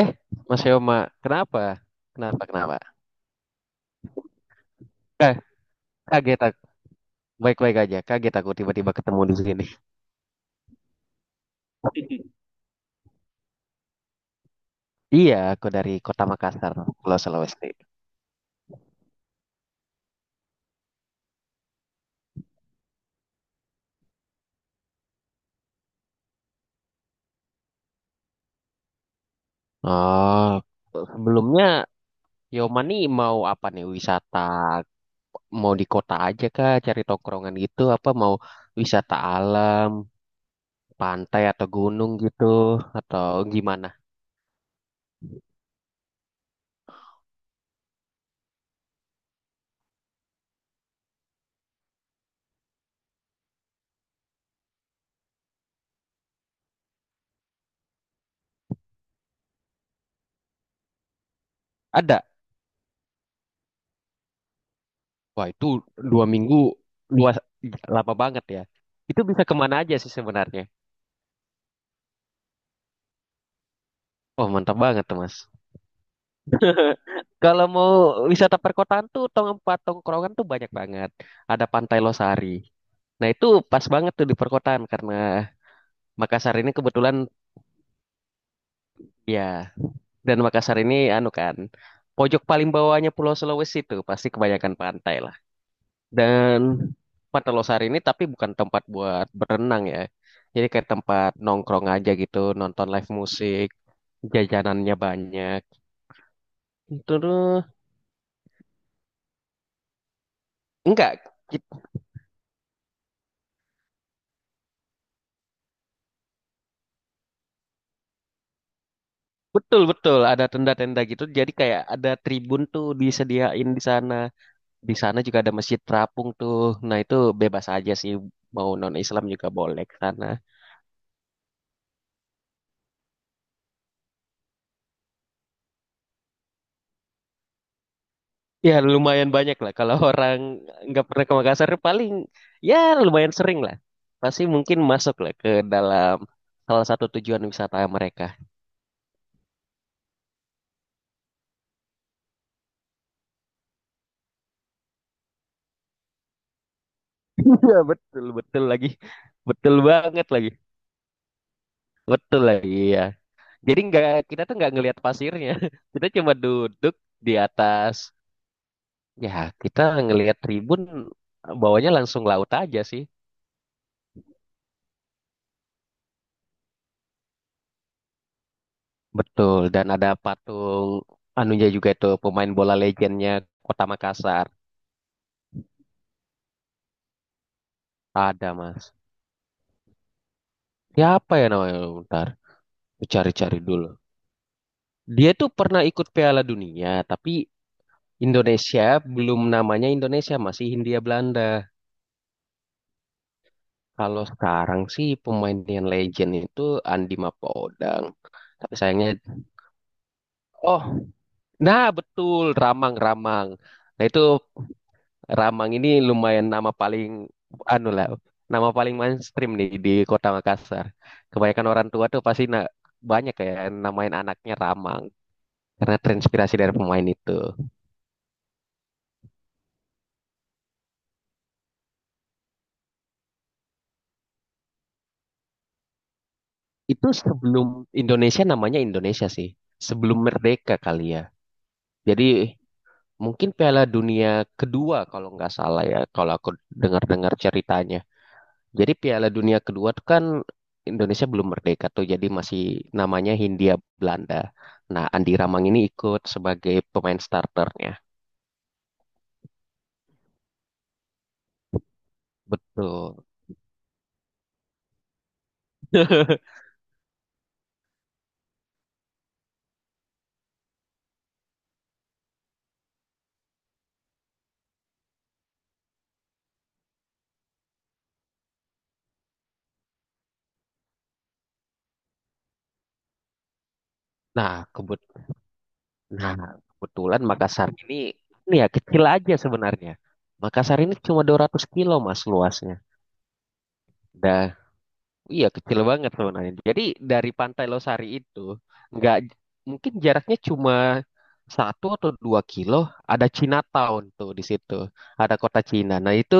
Eh, Mas Yoma, kenapa? Kenapa, kenapa? Ka- Kaget aku. Baik-baik aja. Kaget aku tiba-tiba ketemu di sini. Iya, aku dari Kota Makassar, Pulau Sulawesi. Oh, sebelumnya Yoma nih mau apa nih? Wisata mau di kota aja kah cari tongkrongan gitu apa mau wisata alam, pantai atau gunung gitu atau gimana? Ada. Wah, itu 2 minggu dua lama banget ya. Itu bisa kemana aja sih sebenarnya? Oh, mantap banget tuh, Mas. Kalau mau wisata perkotaan tuh tempat tongkrongan tuh banyak banget. Ada Pantai Losari. Nah, itu pas banget tuh di perkotaan karena Makassar ini kebetulan ya dan Makassar ini anu kan pojok paling bawahnya Pulau Sulawesi tuh pasti kebanyakan pantai lah. Dan Pantai Losari ini tapi bukan tempat buat berenang ya. Jadi kayak tempat nongkrong aja gitu, nonton live musik, jajanannya banyak. Terus enggak. Betul betul ada tenda-tenda gitu. Jadi kayak ada tribun tuh disediain di sana. Di sana juga ada masjid terapung tuh. Nah itu bebas aja sih mau non Islam juga boleh ke sana. Ya lumayan banyak lah kalau orang nggak pernah ke Makassar paling ya lumayan sering lah. Pasti mungkin masuk lah ke dalam salah satu tujuan wisata mereka. Iya betul betul lagi, betul banget lagi, betul lagi ya. Jadi nggak kita tuh nggak ngelihat pasirnya, kita cuma duduk di atas. Ya, kita ngelihat tribun bawahnya langsung laut aja sih. Betul, dan ada patung anunya juga itu pemain bola legendnya Kota Makassar. Ada, Mas. Siapa ya namanya? Bentar, cari-cari dulu. Dia tuh pernah ikut Piala Dunia, tapi Indonesia belum namanya Indonesia, masih Hindia Belanda. Kalau sekarang sih pemain yang legend itu Andi Mapodang. Tapi sayangnya, oh, nah betul, Ramang-Ramang. Nah itu Ramang ini lumayan nama paling anu lah, nama paling mainstream nih di Kota Makassar. Kebanyakan orang tua tuh pasti banyak kayak namain anaknya Ramang karena terinspirasi dari pemain itu. Itu sebelum Indonesia namanya Indonesia sih, sebelum merdeka kali ya. Jadi mungkin Piala Dunia kedua kalau nggak salah ya, kalau aku dengar-dengar ceritanya. Jadi Piala Dunia kedua tuh kan Indonesia belum merdeka tuh, jadi masih namanya Hindia Belanda. Nah, Andi Ramang ini ikut sebagai pemain starternya. Betul. Nah, kebut nah, kebetulan Makassar ini ya kecil aja sebenarnya. Makassar ini cuma 200 kilo Mas luasnya. Dan iya, kecil banget sebenarnya. Jadi dari Pantai Losari itu nggak mungkin jaraknya cuma 1 atau 2 kilo. Ada Chinatown tuh di situ, ada kota Cina. Nah itu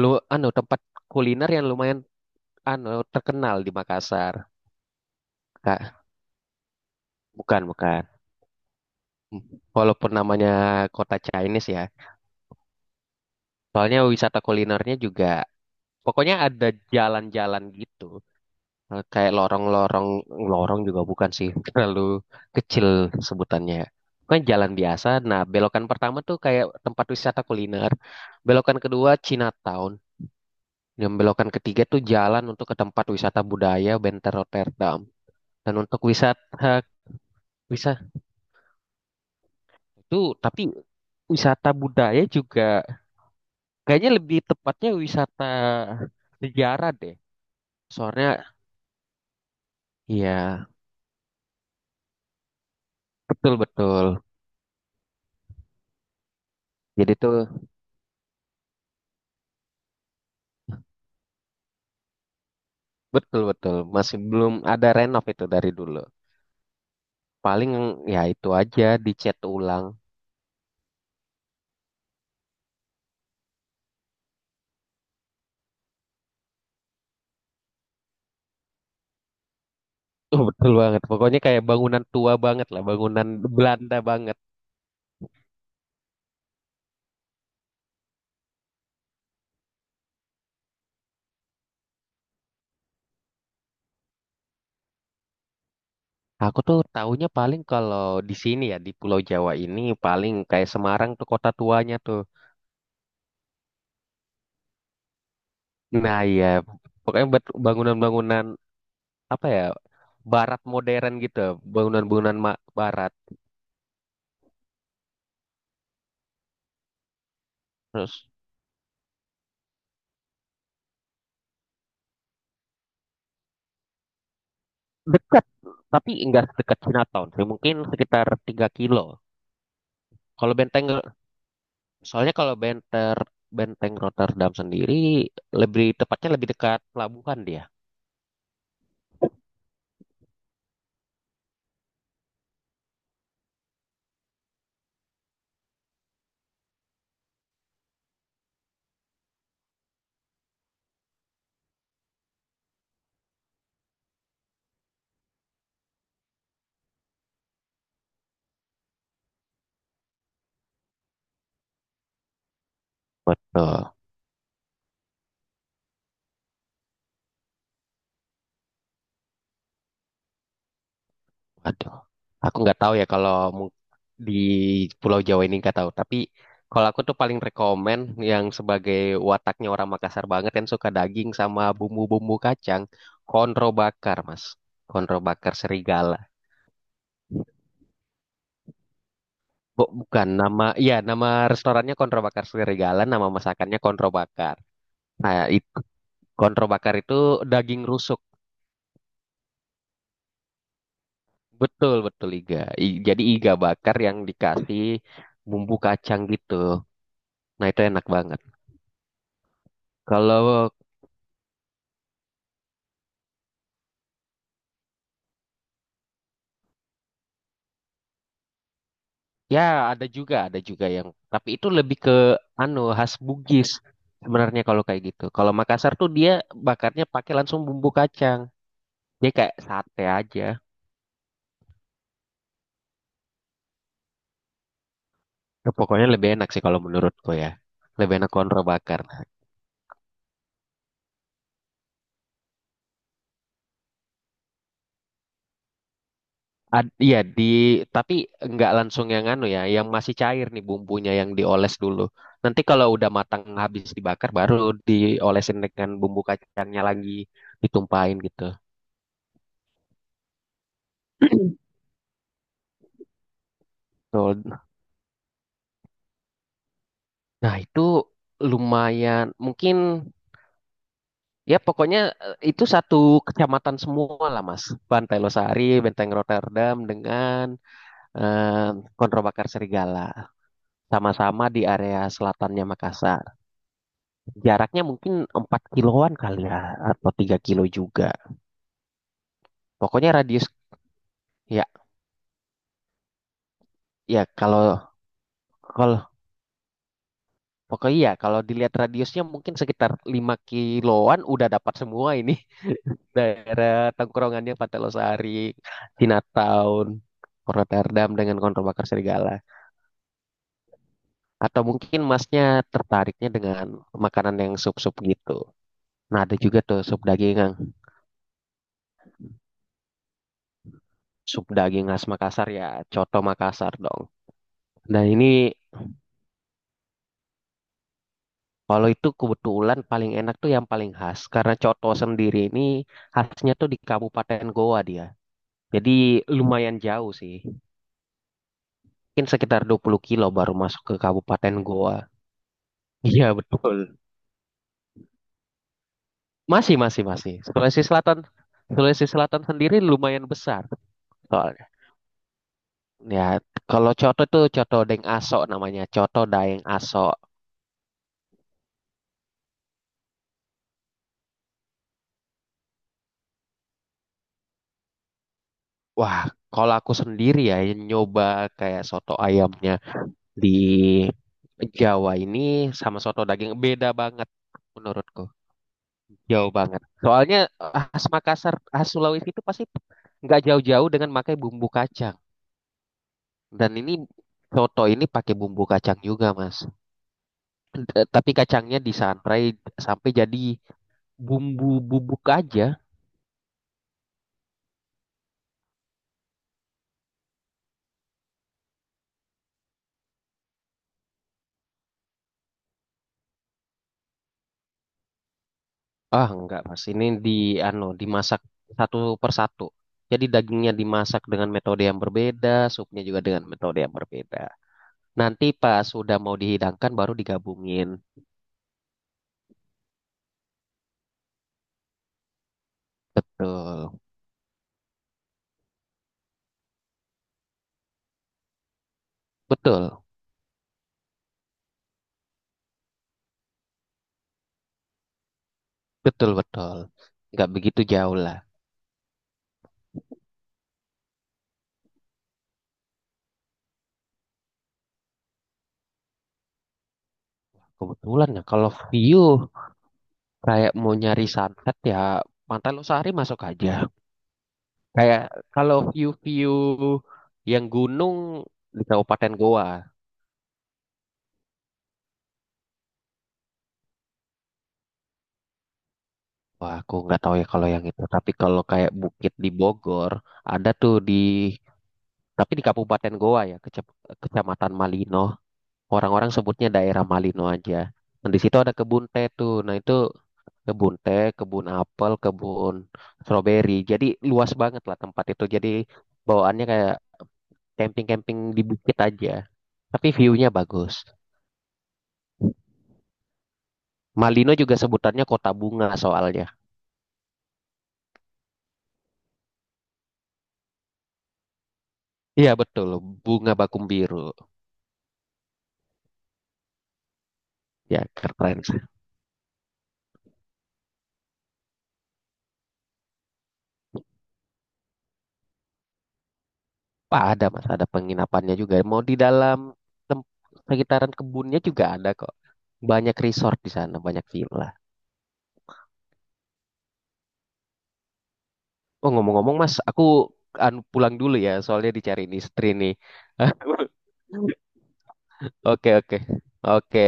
lu anu tempat kuliner yang lumayan anu terkenal di Makassar. Kak, bukan, bukan. Walaupun namanya kota Chinese ya, soalnya wisata kulinernya juga. Pokoknya ada jalan-jalan gitu. Kayak lorong-lorong, lorong juga bukan sih, terlalu kecil sebutannya. Kan jalan biasa. Nah, belokan pertama tuh kayak tempat wisata kuliner. Belokan kedua Chinatown. Dan belokan ketiga tuh jalan untuk ke tempat wisata budaya Benteng Rotterdam. Dan untuk wisata wisata itu tapi wisata budaya juga kayaknya lebih tepatnya wisata sejarah deh. Soalnya iya, betul betul. Jadi tuh betul betul masih belum ada renov itu dari dulu paling ya itu aja dicat ulang. Tuh betul banget pokoknya kayak bangunan tua banget lah bangunan Belanda banget aku tuh taunya paling kalau di sini ya di Pulau Jawa ini paling kayak Semarang tuh kota tuanya tuh nah iya pokoknya bangunan-bangunan apa ya barat modern gitu bangunan-bangunan barat terus dekat tapi enggak sedekat Chinatown sih mungkin sekitar 3 kilo kalau benteng. Soalnya kalau benter, benteng Rotterdam sendiri lebih tepatnya lebih dekat pelabuhan dia. Betul. Waduh. Aku nggak tahu ya kalau mung- di Pulau Jawa ini nggak tahu. Tapi kalau aku tuh paling rekomen yang sebagai wataknya orang Makassar banget yang suka daging sama bumbu-bumbu kacang, konro bakar, Mas. Konro bakar serigala. Bukan nama, ya nama restorannya konro bakar serigala, nama masakannya konro bakar. Nah, itu konro bakar itu daging rusuk. Betul, betul iga. Jadi iga bakar yang dikasih bumbu kacang gitu. Nah, itu enak banget. Kalau ya ada juga yang tapi itu lebih ke anu khas Bugis sebenarnya kalau kayak gitu. Kalau Makassar tuh dia bakarnya pakai langsung bumbu kacang. Dia kayak sate aja. Ya, pokoknya lebih enak sih kalau menurutku ya. Lebih enak konro bakar. Iya di tapi nggak langsung yang anu ya, yang masih cair nih bumbunya yang dioles dulu. Nanti kalau udah matang habis dibakar baru diolesin dengan bumbu kacangnya lagi ditumpahin gitu. Betul. Nah itu lumayan mungkin ya pokoknya itu satu kecamatan semua lah Mas. Pantai Losari, Benteng Rotterdam dengan eh, Konro Bakar Serigala. Sama-sama di area selatannya Makassar. Jaraknya mungkin 4 kiloan kali ya atau 3 kilo juga. Pokoknya radius ya, ya kalau kalau pokoknya ya kalau dilihat radiusnya mungkin sekitar 5 kiloan udah dapat semua ini daerah tongkrongannya Pantai Losari, Chinatown, Rotterdam dengan Konter Bakar Serigala. Atau mungkin masnya tertariknya dengan makanan yang sup-sup gitu. Nah, ada juga tuh sup daging, Kang. Sup daging khas Makassar ya, coto Makassar dong. Nah, ini kalau itu kebetulan paling enak tuh yang paling khas karena coto sendiri ini khasnya tuh di Kabupaten Goa dia. Jadi lumayan jauh sih. Mungkin sekitar 20 kilo baru masuk ke Kabupaten Goa. Iya betul. Masih, masih, masih. Sulawesi Selatan sendiri lumayan besar soalnya. Ya, kalau coto tuh coto Deng Aso namanya, coto Daeng Aso. Wah, kalau aku sendiri ya yang nyoba kayak soto ayamnya di Jawa ini sama soto daging beda banget menurutku. Jauh banget. Soalnya khas Makassar, khas Sulawesi itu pasti nggak jauh-jauh dengan pakai bumbu kacang. Dan ini soto ini pakai bumbu kacang juga, Mas. Tapi kacangnya disantai sampai jadi bumbu bubuk aja. Ah, enggak, Mas. Ini di ano, dimasak satu persatu. Jadi dagingnya dimasak dengan metode yang berbeda, supnya juga dengan metode yang berbeda. Nanti pas sudah mau dihidangkan baru digabungin. Betul, betul, betul, betul. Nggak begitu jauh lah. Kebetulan ya kalau view kayak mau nyari sunset ya Pantai Losari masuk aja. Kayak kalau view-view yang gunung di Kabupaten Goa. Wah, aku nggak tahu ya kalau yang itu. Tapi kalau kayak bukit di Bogor, ada tuh di tapi di Kabupaten Goa ya, Kecamatan Malino. Orang-orang sebutnya daerah Malino aja. Nah, di situ ada kebun teh tuh. Nah, itu kebun teh, kebun apel, kebun stroberi. Jadi luas banget lah tempat itu. Jadi bawaannya kayak camping-camping di bukit aja. Tapi view-nya bagus. Malino juga sebutannya kota bunga soalnya. Iya betul, bunga Bakum Biru. Ya keren sih. Wah, ada mas, ada penginapannya juga. Mau di dalam tem- sekitaran kebunnya juga ada kok. Banyak resort di sana, banyak villa. Oh ngomong-ngomong Mas, aku anu, pulang dulu ya, soalnya dicariin istri nih. Oke, oke, oke.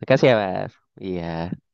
Makasih ya Mas. Iya.